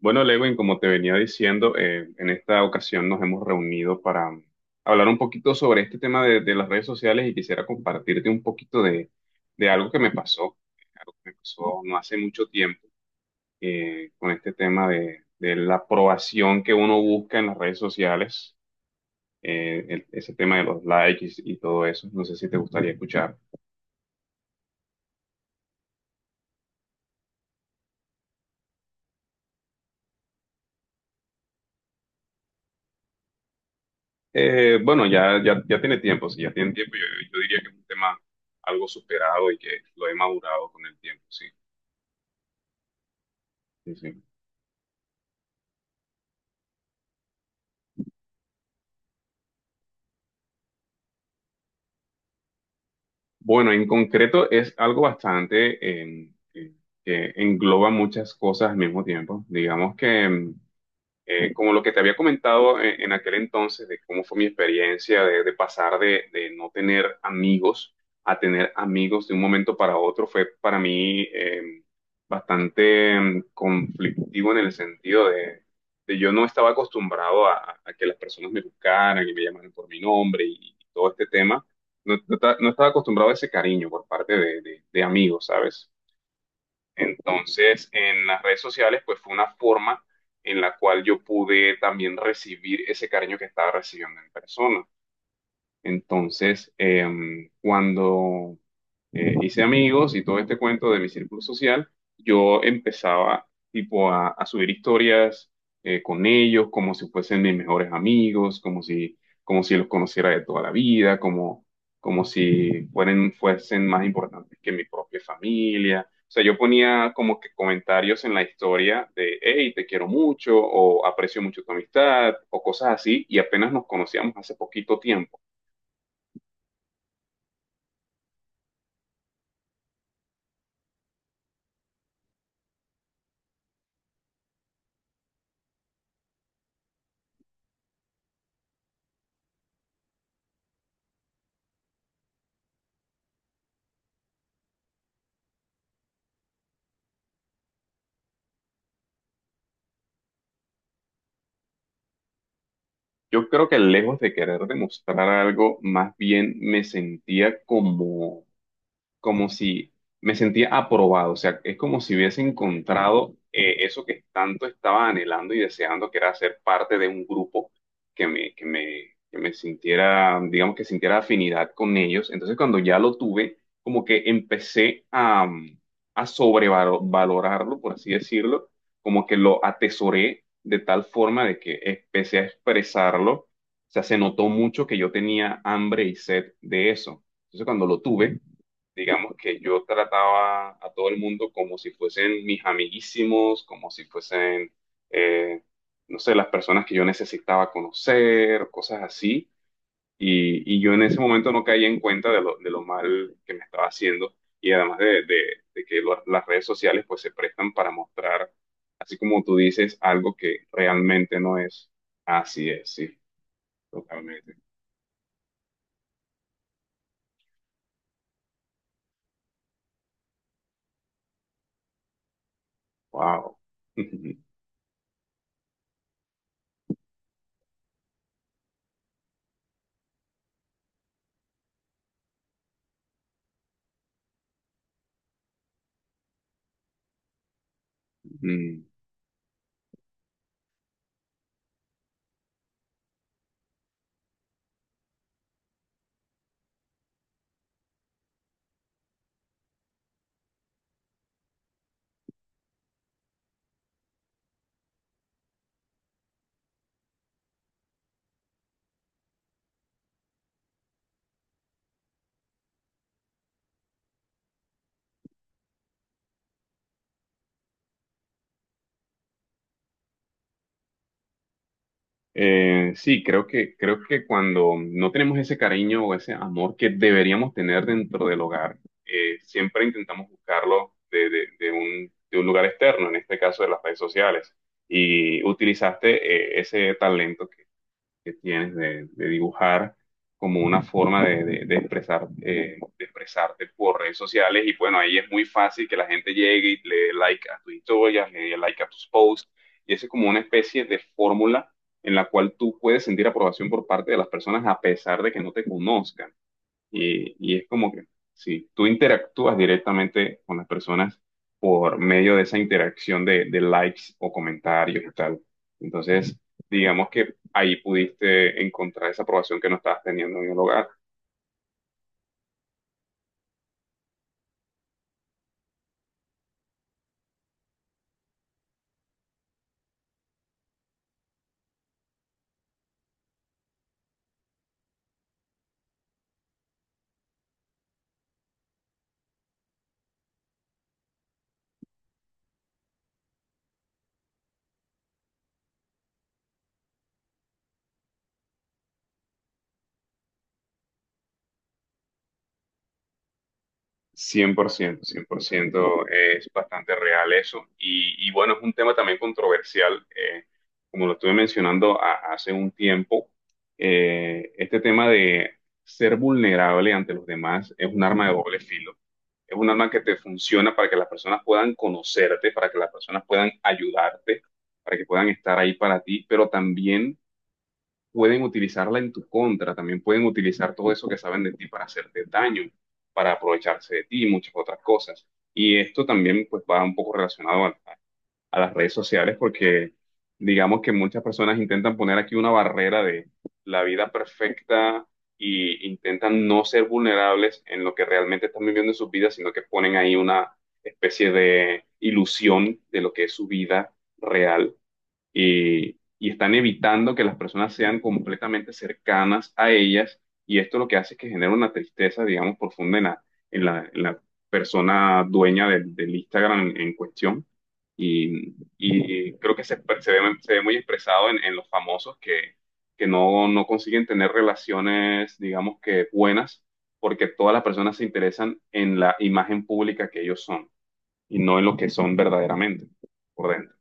Bueno, Lewin, como te venía diciendo, en esta ocasión nos hemos reunido para hablar un poquito sobre este tema de las redes sociales y quisiera compartirte un poquito de algo que me pasó, algo que me pasó no hace mucho tiempo, con este tema de la aprobación que uno busca en las redes sociales, ese tema de los likes y todo eso. No sé si te gustaría escuchar. Bueno, ya tiene tiempo, si ya tiene tiempo, yo diría que es un tema algo superado y que lo he madurado con el tiempo, sí. Sí, sí. Bueno, en concreto es algo bastante que engloba muchas cosas al mismo tiempo. Digamos que como lo que te había comentado en aquel entonces, de cómo fue mi experiencia de pasar de no tener amigos a tener amigos de un momento para otro, fue para mí bastante conflictivo en el sentido de yo no estaba acostumbrado a que las personas me buscaran y me llamaran por mi nombre y todo este tema. No estaba acostumbrado a ese cariño por parte de amigos, ¿sabes? Entonces, en las redes sociales, pues fue una forma en la cual yo pude también recibir ese cariño que estaba recibiendo en persona. Entonces, cuando hice amigos y todo este cuento de mi círculo social, yo empezaba tipo a subir historias con ellos como si fuesen mis mejores amigos, como si los conociera de toda la vida, como, como si fueran, fuesen más importantes que mi propia familia. O sea, yo ponía como que comentarios en la historia de, hey, te quiero mucho, o aprecio mucho tu amistad, o cosas así, y apenas nos conocíamos hace poquito tiempo. Yo creo que lejos de querer demostrar algo, más bien me sentía como, como si me sentía aprobado, o sea, es como si hubiese encontrado eso que tanto estaba anhelando y deseando, que era ser parte de un grupo que me, que me, que me sintiera, digamos que sintiera afinidad con ellos. Entonces, cuando ya lo tuve, como que empecé a sobrevalorarlo, por así decirlo, como que lo atesoré de tal forma de que empecé a expresarlo. O sea, se notó mucho que yo tenía hambre y sed de eso. Entonces, cuando lo tuve, digamos que yo trataba a todo el mundo como si fuesen mis amiguísimos, como si fuesen, eh, no sé, las personas que yo necesitaba conocer, cosas así. Y yo en ese momento no caía en cuenta de lo mal que me estaba haciendo y además de que las redes sociales pues se prestan para mostrar, así como tú dices, algo que realmente no es. Así es, sí, totalmente. Wow. Sí, creo que cuando no tenemos ese cariño o ese amor que deberíamos tener dentro del hogar, siempre intentamos buscarlo de de un lugar externo, en este caso de las redes sociales. Y utilizaste ese talento que tienes de dibujar como una forma de expresar, de expresarte por redes sociales. Y bueno, ahí es muy fácil que la gente llegue y le dé like a tus historias, le dé like a tus posts. Y eso es como una especie de fórmula en la cual tú puedes sentir aprobación por parte de las personas a pesar de que no te conozcan. Y es como que si tú interactúas directamente con las personas por medio de esa interacción de likes o comentarios y tal. Entonces, digamos que ahí pudiste encontrar esa aprobación que no estabas teniendo en el hogar. cien Cien por ciento, es bastante real eso. Y bueno, es un tema también controversial, como lo estuve mencionando hace un tiempo, este tema de ser vulnerable ante los demás es un arma de doble filo. Es un arma que te funciona para que las personas puedan conocerte, para que las personas puedan ayudarte, para que puedan estar ahí para ti, pero también pueden utilizarla en tu contra, también pueden utilizar todo eso que saben de ti para hacerte daño, para aprovecharse de ti y muchas otras cosas. Y esto también pues va un poco relacionado a las redes sociales porque digamos que muchas personas intentan poner aquí una barrera de la vida perfecta y intentan no ser vulnerables en lo que realmente están viviendo en sus vidas, sino que ponen ahí una especie de ilusión de lo que es su vida real y están evitando que las personas sean completamente cercanas a ellas y esto lo que hace es que genera una tristeza, digamos, profunda en la persona dueña del Instagram en cuestión. Y, y creo que se, se ve muy expresado en los famosos que no, no consiguen tener relaciones, digamos que buenas, porque todas las personas se interesan en la imagen pública que ellos son y no en lo que son verdaderamente por dentro.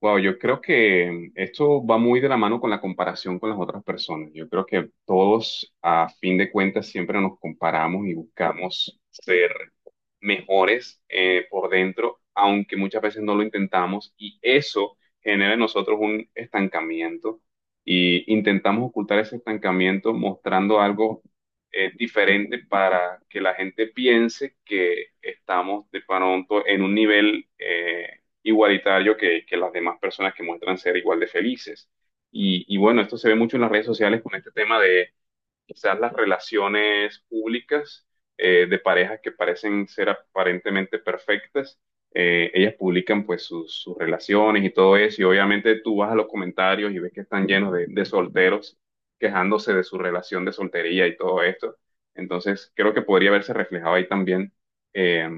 Wow, yo creo que esto va muy de la mano con la comparación con las otras personas. Yo creo que todos, a fin de cuentas, siempre nos comparamos y buscamos ser mejores por dentro, aunque muchas veces no lo intentamos, y eso genera en nosotros un estancamiento. Y intentamos ocultar ese estancamiento mostrando algo diferente para que la gente piense que estamos de pronto en un nivel igualitario que las demás personas que muestran ser igual de felices. Y bueno, esto se ve mucho en las redes sociales con este tema de quizás las relaciones públicas de parejas que parecen ser aparentemente perfectas. Ellas publican pues sus relaciones y todo eso, y obviamente tú vas a los comentarios y ves que están llenos de solteros quejándose de su relación de soltería y todo esto. Entonces, creo que podría verse reflejado ahí también eh,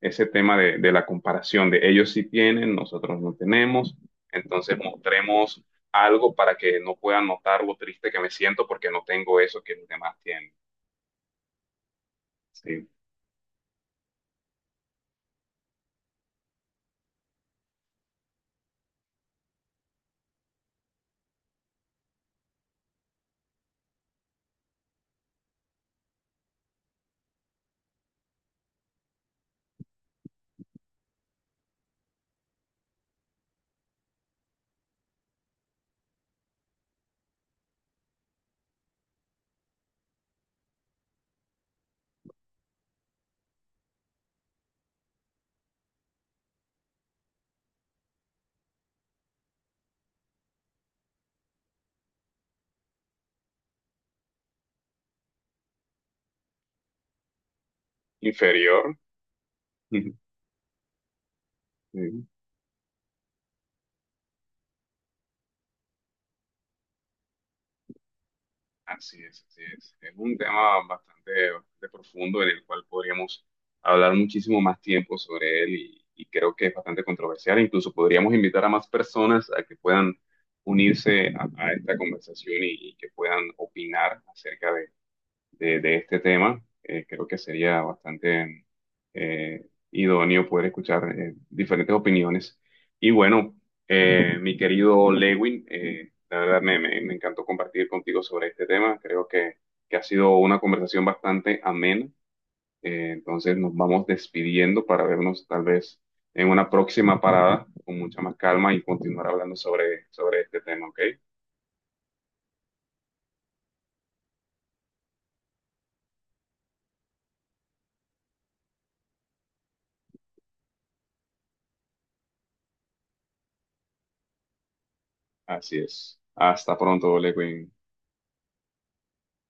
ese tema de la comparación de ellos sí tienen, nosotros no tenemos, entonces mostremos algo para que no puedan notar lo triste que me siento porque no tengo eso que los demás tienen. Sí. Inferior. Mm. Así es, así es. Es un tema bastante, bastante profundo en el cual podríamos hablar muchísimo más tiempo sobre él y creo que es bastante controversial. Incluso podríamos invitar a más personas a que puedan unirse a esta conversación y que puedan opinar acerca de de este tema, creo que sería bastante eh, idóneo poder escuchar diferentes opiniones. Y bueno, mi querido Lewin, la verdad me encantó compartir contigo sobre este tema. Creo que ha sido una conversación bastante amena. Entonces nos vamos despidiendo para vernos tal vez en una próxima parada con mucha más calma y continuar hablando sobre este tema, ¿ok? Así es. Hasta pronto, Lewin.